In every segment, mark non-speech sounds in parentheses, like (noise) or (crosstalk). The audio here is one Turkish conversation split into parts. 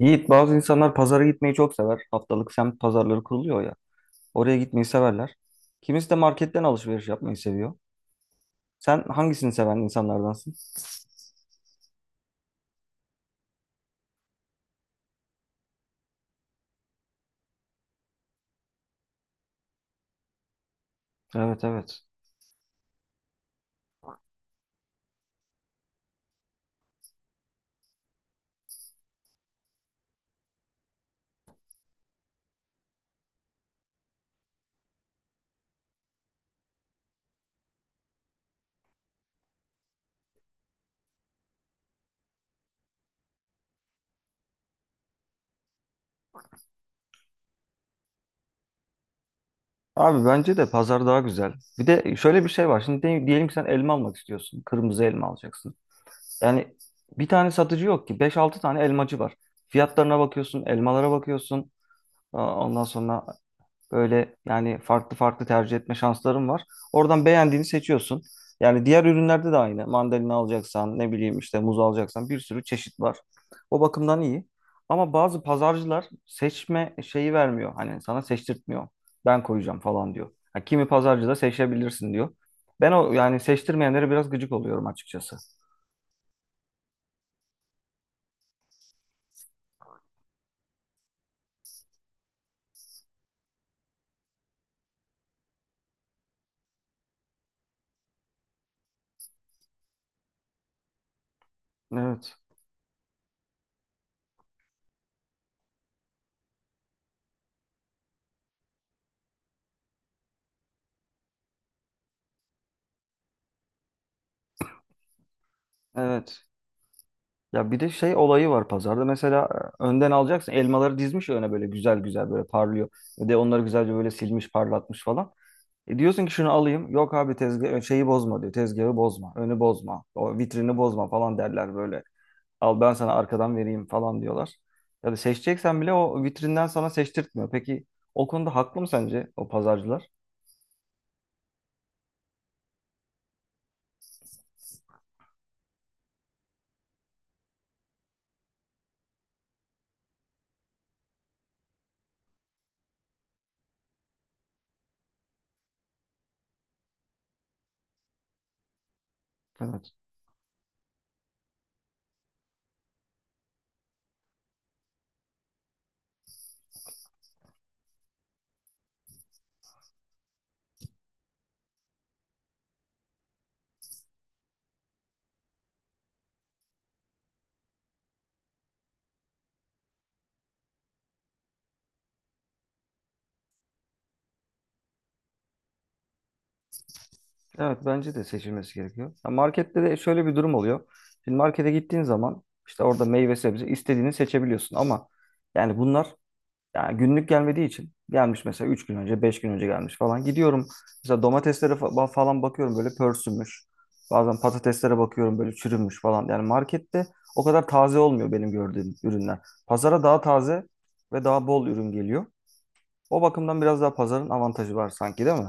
Yiğit, bazı insanlar pazara gitmeyi çok sever. Haftalık semt pazarları kuruluyor ya. Oraya gitmeyi severler. Kimisi de marketten alışveriş yapmayı seviyor. Sen hangisini seven insanlardansın? Evet evet. Abi bence de pazar daha güzel. Bir de şöyle bir şey var. Şimdi diyelim ki sen elma almak istiyorsun. Kırmızı elma alacaksın. Yani bir tane satıcı yok ki. Beş altı tane elmacı var. Fiyatlarına bakıyorsun, elmalara bakıyorsun. Aa, Ondan sonra Böyle yani farklı farklı tercih etme şansların var. Oradan beğendiğini seçiyorsun. Yani diğer ürünlerde de aynı. Mandalina alacaksan, ne bileyim işte muz alacaksan bir sürü çeşit var. O bakımdan iyi. Ama bazı pazarcılar seçme şeyi vermiyor. Hani sana seçtirtmiyor. Ben koyacağım falan diyor. Ha, kimi pazarcı da seçebilirsin diyor. Ben o yani seçtirmeyenlere biraz gıcık oluyorum açıkçası. Evet. Evet. Ya bir de şey olayı var pazarda. Mesela önden alacaksın. Elmaları dizmiş öne böyle güzel güzel böyle parlıyor. Ve de onları güzelce böyle silmiş, parlatmış falan. E diyorsun ki şunu alayım. Yok abi tezgah şeyi bozma diyor. Tezgahı bozma, önü bozma, o vitrini bozma falan derler böyle. Al ben sana arkadan vereyim falan diyorlar. Ya da seçeceksen bile o vitrinden sana seçtirtmiyor. Peki o konuda haklı mı sence o pazarcılar? Evet. Evet bence de seçilmesi gerekiyor. Ya markette de şöyle bir durum oluyor. Şimdi markete gittiğin zaman işte orada meyve sebze istediğini seçebiliyorsun ama yani bunlar yani günlük gelmediği için gelmiş mesela 3 gün önce 5 gün önce gelmiş falan. Gidiyorum mesela domateslere falan bakıyorum böyle pörsümüş. Bazen patateslere bakıyorum böyle çürümüş falan. Yani markette o kadar taze olmuyor benim gördüğüm ürünler. Pazara daha taze ve daha bol ürün geliyor. O bakımdan biraz daha pazarın avantajı var sanki, değil mi?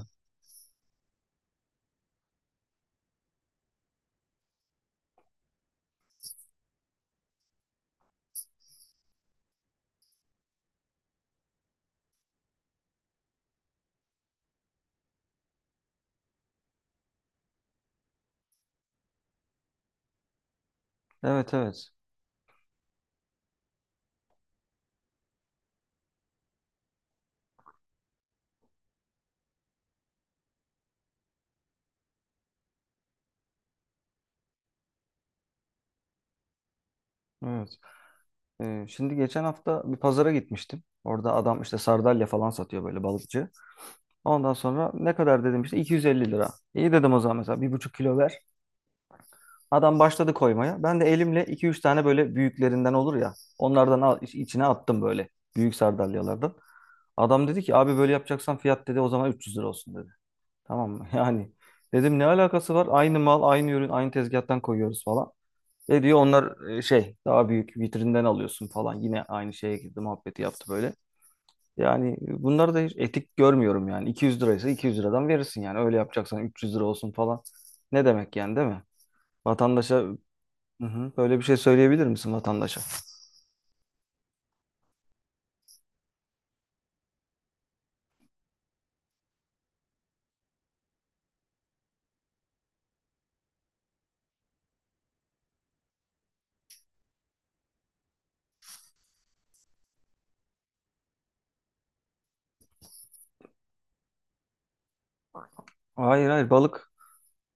Evet evet. Evet. Şimdi geçen hafta bir pazara gitmiştim. Orada adam işte sardalya falan satıyor böyle balıkçı. Ondan sonra ne kadar dedim, işte 250 lira. İyi dedim, o zaman mesela bir buçuk kilo ver. Adam başladı koymaya. Ben de elimle iki üç tane böyle büyüklerinden olur ya. Onlardan al, içine attım böyle. Büyük sardalyalardan. Adam dedi ki abi böyle yapacaksan fiyat, dedi, o zaman 300 lira olsun dedi. Tamam mı? (laughs) Yani dedim ne alakası var? Aynı mal, aynı ürün, aynı tezgahtan koyuyoruz falan. Ne diyor onlar, şey daha büyük vitrinden alıyorsun falan. Yine aynı şeye girdi, muhabbeti yaptı böyle. Yani bunları da hiç etik görmüyorum yani. 200 liraysa 200 liradan verirsin yani. Öyle yapacaksan 300 lira olsun falan. Ne demek yani, değil mi? Vatandaşa. Hı hı. Böyle bir şey söyleyebilir misin vatandaşa? Hayır hayır, balık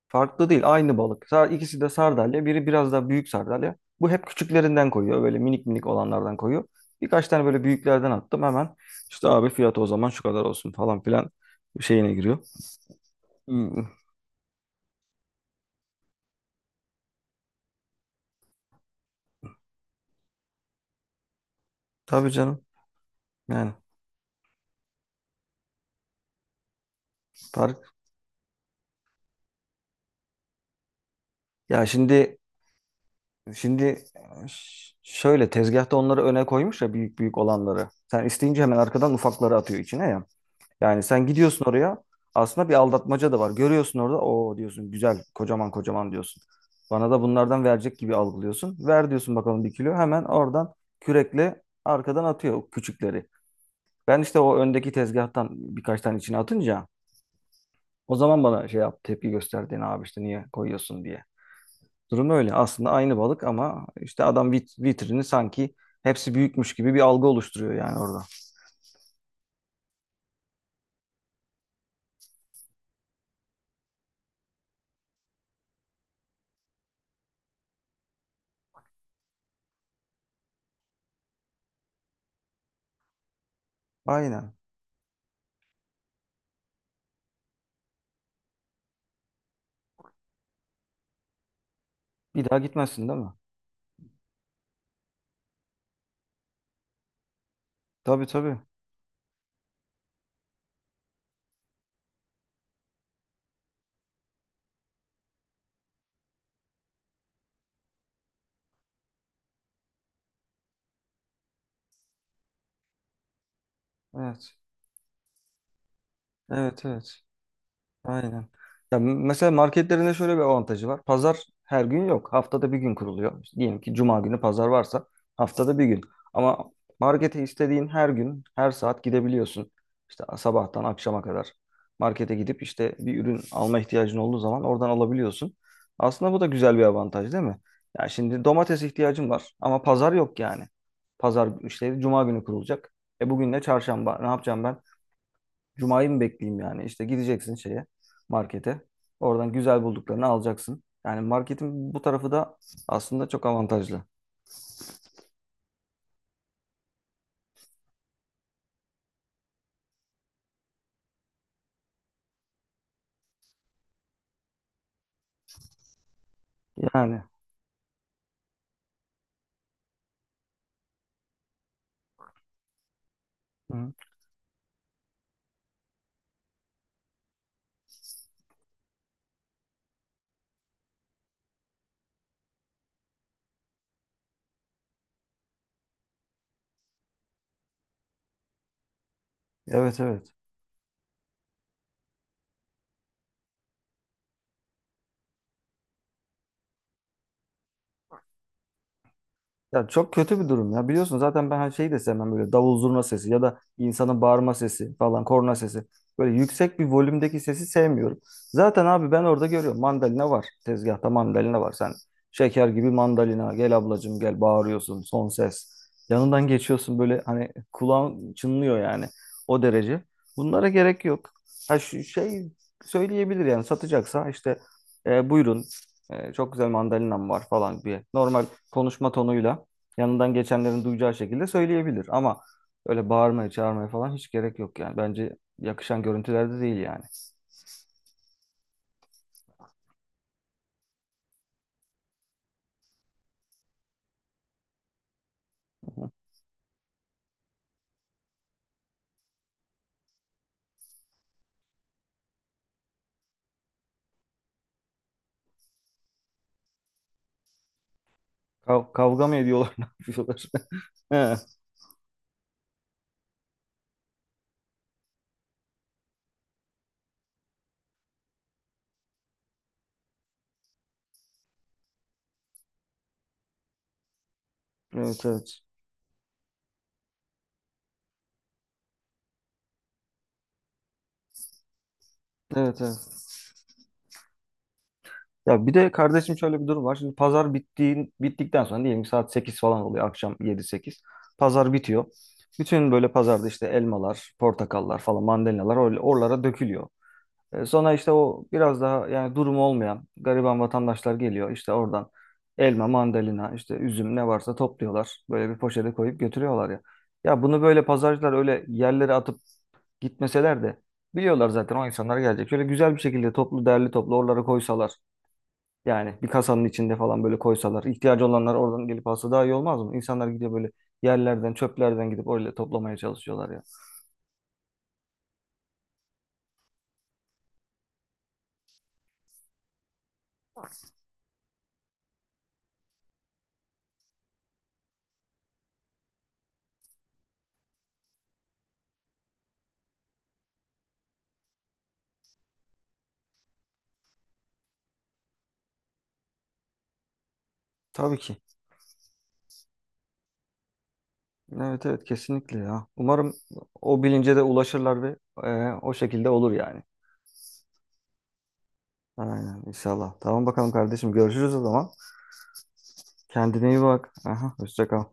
farklı değil, aynı balık. İkisi de sardalya, biri biraz daha büyük sardalya. Bu hep küçüklerinden koyuyor böyle, minik minik olanlardan koyuyor. Birkaç tane böyle büyüklerden attım hemen. İşte abi fiyatı o zaman şu kadar olsun falan filan şeyine giriyor. Hmm. Tabii canım. Yani Tarık. Ya şimdi şöyle tezgahta onları öne koymuş ya, büyük büyük olanları. Sen isteyince hemen arkadan ufakları atıyor içine ya. Yani sen gidiyorsun oraya. Aslında bir aldatmaca da var. Görüyorsun orada. O diyorsun güzel, kocaman kocaman diyorsun. Bana da bunlardan verecek gibi algılıyorsun. Ver diyorsun bakalım bir kilo. Hemen oradan kürekle arkadan atıyor o küçükleri. Ben işte o öndeki tezgahtan birkaç tane içine atınca o zaman bana şey yap tepki gösterdin abi işte niye koyuyorsun diye. Durum öyle. Aslında aynı balık ama işte adam vitrini sanki hepsi büyükmüş gibi bir algı oluşturuyor yani orada. Aynen. Bir daha gitmezsin değil mi? Tabii tabii. Evet. Evet evet. Aynen. Ya mesela marketlerinde şöyle bir avantajı var. Pazar her gün yok. Haftada bir gün kuruluyor. İşte diyelim ki cuma günü pazar varsa, haftada bir gün. Ama markete istediğin her gün, her saat gidebiliyorsun. İşte sabahtan akşama kadar markete gidip işte bir ürün alma ihtiyacın olduğu zaman oradan alabiliyorsun. Aslında bu da güzel bir avantaj, değil mi? Ya şimdi domates ihtiyacım var ama pazar yok yani. Pazar işte cuma günü kurulacak. E bugün de çarşamba. Ne yapacağım ben? Cuma'yı mı bekleyeyim yani? İşte gideceksin şeye, markete. Oradan güzel bulduklarını alacaksın. Yani marketin bu tarafı da aslında çok avantajlı. Yani. Hı. Evet evet. Ya çok kötü bir durum ya. Biliyorsun zaten ben her şeyi de sevmem, böyle davul zurna sesi ya da insanın bağırma sesi falan, korna sesi. Böyle yüksek bir volümdeki sesi sevmiyorum. Zaten abi ben orada görüyorum, mandalina var. Tezgahta mandalina var. Sen şeker gibi mandalina gel ablacım gel bağırıyorsun son ses. Yanından geçiyorsun böyle hani kulağın çınlıyor yani, o derece. Bunlara gerek yok. Ha şu şey söyleyebilir yani, satacaksa işte buyurun çok güzel mandalinam var falan diye. Normal konuşma tonuyla yanından geçenlerin duyacağı şekilde söyleyebilir. Ama öyle bağırmaya, çağırmaya falan hiç gerek yok yani. Bence yakışan görüntülerde değil yani. Kavga mı ediyorlar, (laughs) ne yapıyorlar? (laughs) He. Evet, evet. Evet, evet. Ya bir de kardeşim şöyle bir durum var. Şimdi pazar bittiğin, bittikten sonra diyelim ki saat sekiz falan oluyor, akşam yedi sekiz. Pazar bitiyor. Bütün böyle pazarda işte elmalar, portakallar falan, mandalinalar öyle oralara dökülüyor. Sonra işte o biraz daha yani durumu olmayan gariban vatandaşlar geliyor. İşte oradan elma, mandalina, işte üzüm ne varsa topluyorlar. Böyle bir poşete koyup götürüyorlar ya. Ya bunu böyle pazarcılar öyle yerlere atıp gitmeseler de biliyorlar zaten o insanlar gelecek. Şöyle güzel bir şekilde toplu derli toplu oralara koysalar. Yani bir kasanın içinde falan böyle koysalar, ihtiyacı olanlar oradan gelip alsa daha iyi olmaz mı? İnsanlar gidiyor böyle yerlerden, çöplerden gidip öyle toplamaya çalışıyorlar ya. Tabii ki. Evet evet kesinlikle ya. Umarım o bilince de ulaşırlar ve o şekilde olur yani. Aynen inşallah. Tamam bakalım kardeşim, görüşürüz o zaman. Kendine iyi bak. Aha, hoşça kal.